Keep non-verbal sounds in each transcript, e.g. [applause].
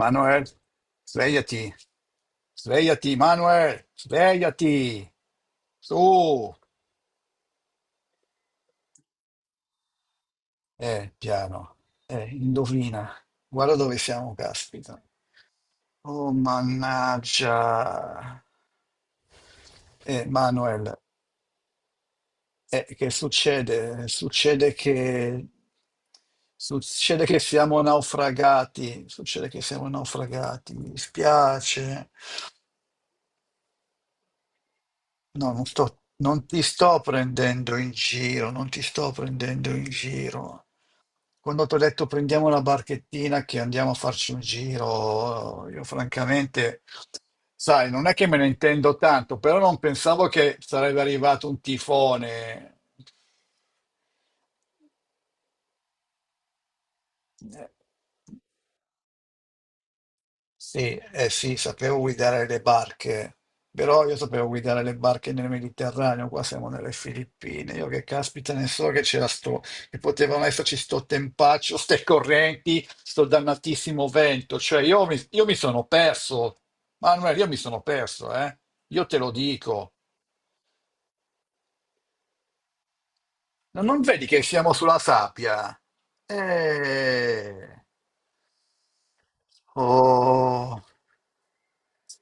Manuel, svegliati, svegliati, Manuel, svegliati. Su, piano, indovina, guarda dove siamo, caspita. Oh, mannaggia. Manuel, che succede? Succede che siamo naufragati, succede che siamo naufragati, mi dispiace. No, non ti sto prendendo in giro, non ti sto prendendo in giro. Quando ti ho detto prendiamo una barchettina che andiamo a farci un giro, io francamente, sai, non è che me ne intendo tanto, però non pensavo che sarebbe arrivato un tifone. Eh, Sì, eh sì, sapevo guidare le barche, però io sapevo guidare le barche nel Mediterraneo, qua siamo nelle Filippine, io che caspita ne so che c'era sto, che potevano esserci sto tempaccio, ste correnti, sto dannatissimo vento, cioè io mi sono perso, Manuel, io mi sono perso, io te lo dico, non vedi che siamo sulla sabbia? Eh. Oh,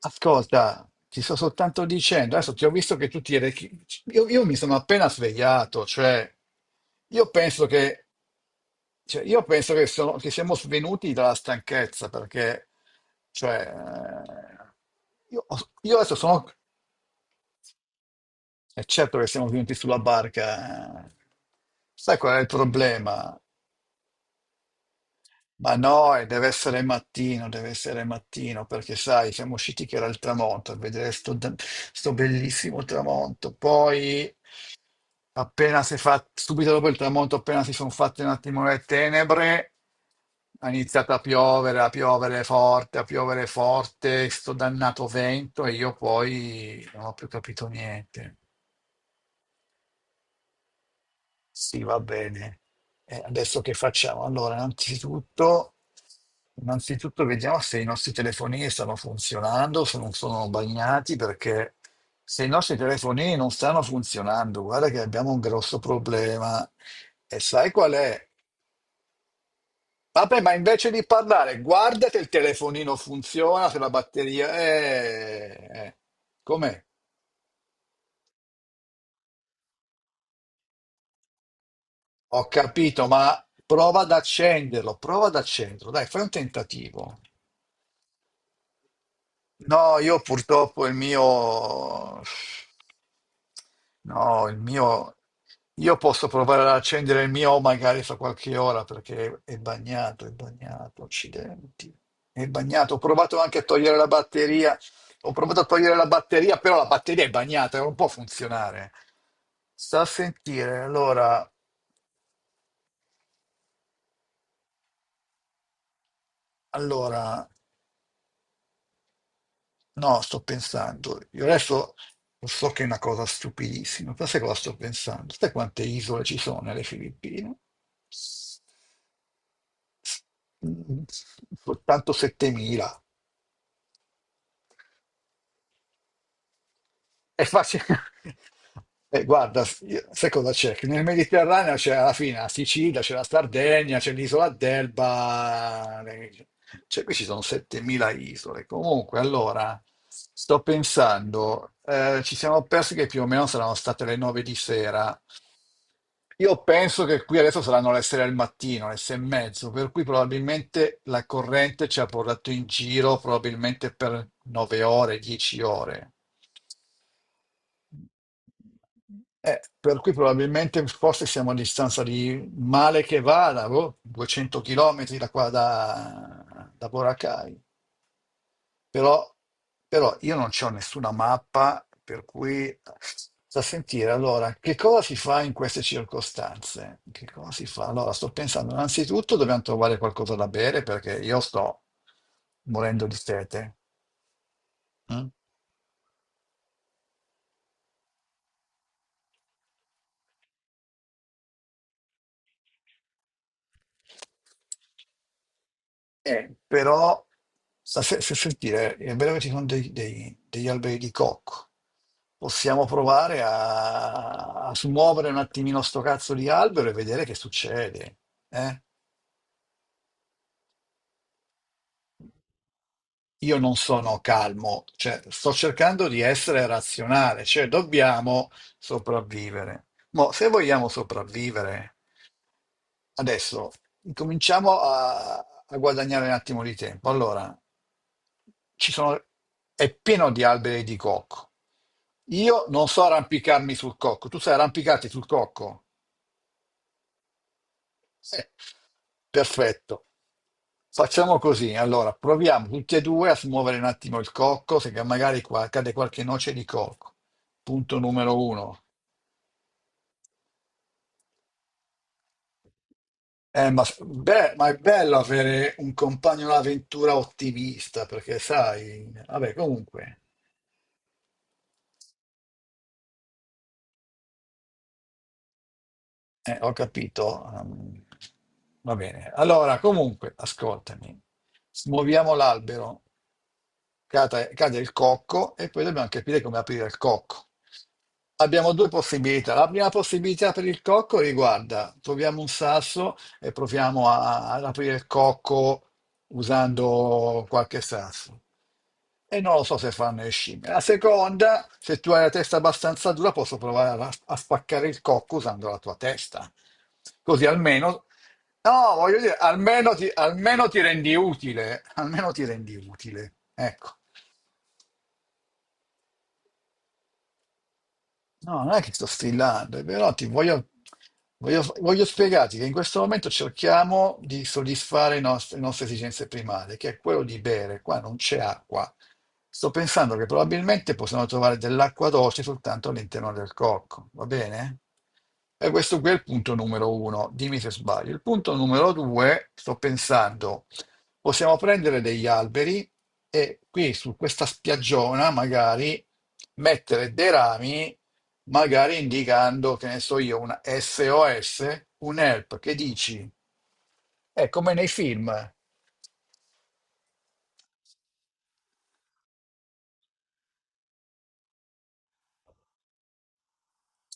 ascolta, ti sto soltanto dicendo, adesso ti ho visto che tu ti eri... io mi sono appena svegliato, cioè, io penso che, cioè, io penso che, che siamo svenuti dalla stanchezza, perché, cioè, eh, io adesso sono... È certo che siamo venuti sulla barca, eh. Sai qual è il problema? Ma no, e deve essere mattino, perché sai, siamo usciti che era il tramonto, a vedere sto, sto bellissimo tramonto. Poi, appena si è fatto, subito dopo il tramonto, appena si sono fatte un attimo le tenebre, ha iniziato a piovere forte, sto dannato vento e io poi non ho più capito niente. Sì, va bene. Adesso che facciamo? Allora, innanzitutto, innanzitutto vediamo se i nostri telefonini stanno funzionando, se non sono bagnati, perché se i nostri telefonini non stanno funzionando, guarda che abbiamo un grosso problema. E sai qual è? Vabbè, ma invece di parlare, guarda se il telefonino funziona, se la batteria... Com'è? Ho capito, ma prova ad accenderlo, prova ad accenderlo. Dai, fai un tentativo. No, io purtroppo il mio... No, il mio... Io posso provare ad accendere il mio magari fra qualche ora perché è bagnato, accidenti. È bagnato. Ho provato anche a togliere la batteria. Ho provato a togliere la batteria, però la batteria è bagnata, non può funzionare. Sta a sentire. Allora, allora. No, sto pensando. Io adesso lo so che è una cosa stupidissima, però sai cosa sto pensando? Sai quante isole ci sono nelle Filippine? S- s- mm, Soltanto 7.000. È facile. [laughs] Guarda, sai cosa c'è? Che nel Mediterraneo c'è alla fine la Sicilia, c'è la Sardegna, c'è l'isola d'Elba, le- cioè qui ci sono 7.000 isole. Comunque, allora, sto pensando, ci siamo persi che più o meno saranno state le 9 di sera. Io penso che qui adesso saranno le 6 del mattino, le 6 e mezzo, per cui probabilmente la corrente ci ha portato in giro probabilmente per 9 ore, 10 ore. Per cui probabilmente forse siamo a distanza di male che vada, boh, 200 km da qua da Boracay. Però, però io non c'ho nessuna mappa, per cui da sentire allora che cosa si fa in queste circostanze? Che cosa si fa? Allora, sto pensando, innanzitutto dobbiamo trovare qualcosa da bere perché io sto morendo di sete. Mm? Però, sta fe- fe- fe- dire, è vero che ci sono degli alberi di cocco. Possiamo provare a smuovere un attimino sto cazzo di albero e vedere che succede, eh? Io non sono calmo, cioè, sto cercando di essere razionale, cioè dobbiamo sopravvivere. Ma se vogliamo sopravvivere. Adesso cominciamo a guadagnare un attimo di tempo. Allora, ci sono, è pieno di alberi di cocco. Io non so arrampicarmi sul cocco. Tu sai arrampicarti sul cocco? Eh, perfetto. Facciamo così. Allora, proviamo tutti e due a smuovere un attimo il cocco, se magari qua cade qualche noce di cocco. Punto numero uno. Ma, beh, ma è bello avere un compagno d'avventura ottimista, perché sai, vabbè, comunque, ho capito. Va bene. Allora, comunque, ascoltami, smuoviamo l'albero, cade, cade il cocco e poi dobbiamo capire come aprire il cocco. Abbiamo due possibilità. La prima possibilità per il cocco riguarda, troviamo un sasso e proviamo ad aprire il cocco usando qualche sasso. E non lo so se fanno le scimmie. La seconda, se tu hai la testa abbastanza dura, posso provare a spaccare il cocco usando la tua testa. Così almeno, no, voglio dire, almeno ti rendi utile, almeno ti rendi utile. Ecco. No, non è che sto strillando, voglio spiegarti che in questo momento cerchiamo di soddisfare le nostre esigenze primarie, che è quello di bere. Qua non c'è acqua. Sto pensando che probabilmente possiamo trovare dell'acqua dolce soltanto all'interno del cocco, va bene? E questo qui è il punto numero uno, dimmi se sbaglio. Il punto numero due, sto pensando, possiamo prendere degli alberi e qui su questa spiaggiona magari mettere dei rami, magari indicando, che ne so io, una SOS, un help, che dici? È come nei film.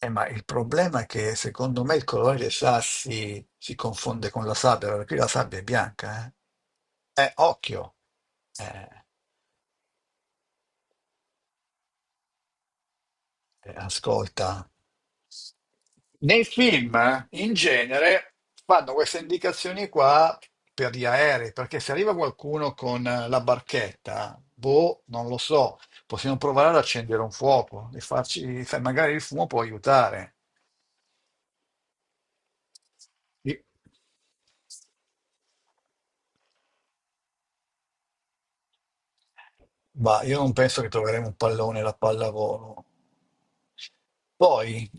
Ma il problema è che secondo me il colore dei sassi si confonde con la sabbia, perché qui la sabbia è bianca, eh? Occhio. Eh. Ascolta, nei film, in genere, fanno queste indicazioni qua per gli aerei, perché se arriva qualcuno con la barchetta, boh, non lo so, possiamo provare ad accendere un fuoco e farci, sai, magari il fumo può aiutare. Sì. Ma io non penso che troveremo un pallone da pallavolo. Poi,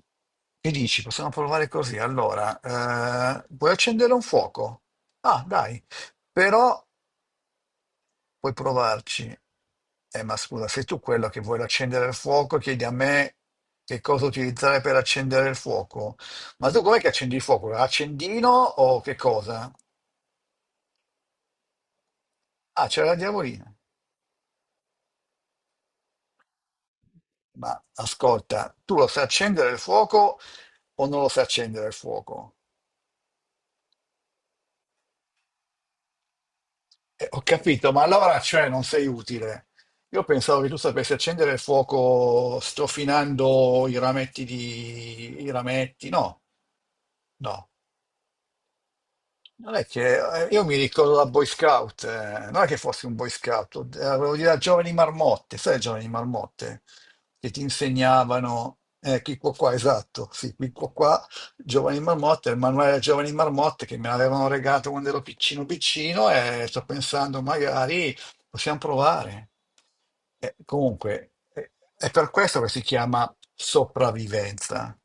che dici? Possiamo provare così. Allora, puoi accendere un fuoco? Ah, dai, però puoi provarci. Ma scusa, sei tu quello che vuole accendere il fuoco, chiedi a me che cosa utilizzare per accendere il fuoco. Ma tu com'è che accendi il fuoco? Accendino o che cosa? Ah, c'è la diavolina. Ma ascolta, tu lo sai accendere il fuoco o non lo sai accendere il fuoco. Ho capito, ma allora cioè non sei utile. Io pensavo che tu sapessi accendere il fuoco strofinando i rametti di... i rametti. No, no. Non è che io mi ricordo da Boy Scout, non è che fossi un Boy Scout, avevo dire giovani marmotte, sai le giovani marmotte che ti insegnavano, qui qua qua, esatto, sì, qui qua qua, giovani marmotte, il manuale dei giovani marmotte che me l'avevano regalato quando ero piccino piccino e sto pensando magari possiamo provare. Comunque, è per questo che si chiama sopravvivenza.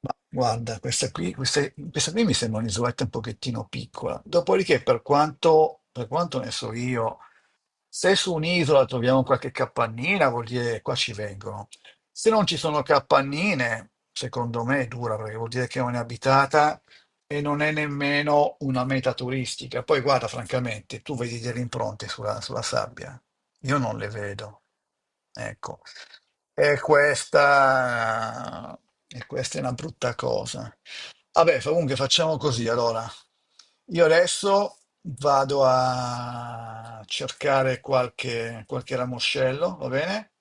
Ma guarda, questa qui, questa qui mi sembra un'isoletta un pochettino piccola. Dopodiché, per quanto ne so io, se su un'isola troviamo qualche capannina, vuol dire qua ci vengono. Se non ci sono capannine, secondo me è dura, perché vuol dire che non è abitata e non è nemmeno una meta turistica. Poi guarda, francamente, tu vedi delle impronte sulla sabbia. Io non le vedo. Ecco. E questa, e questa è una brutta cosa. Vabbè, comunque facciamo così allora. Io adesso vado a cercare qualche ramoscello, va bene?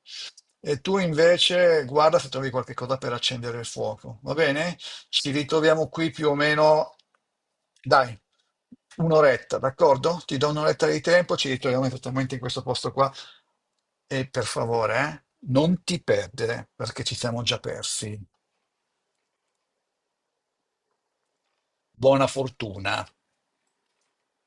E tu invece guarda se trovi qualche cosa per accendere il fuoco, va bene? Ci ritroviamo qui più o meno, dai, un'oretta, d'accordo? Ti do un'oretta di tempo, ci ritroviamo esattamente in questo posto qua e per favore, non ti perdere perché ci siamo già persi. Buona fortuna.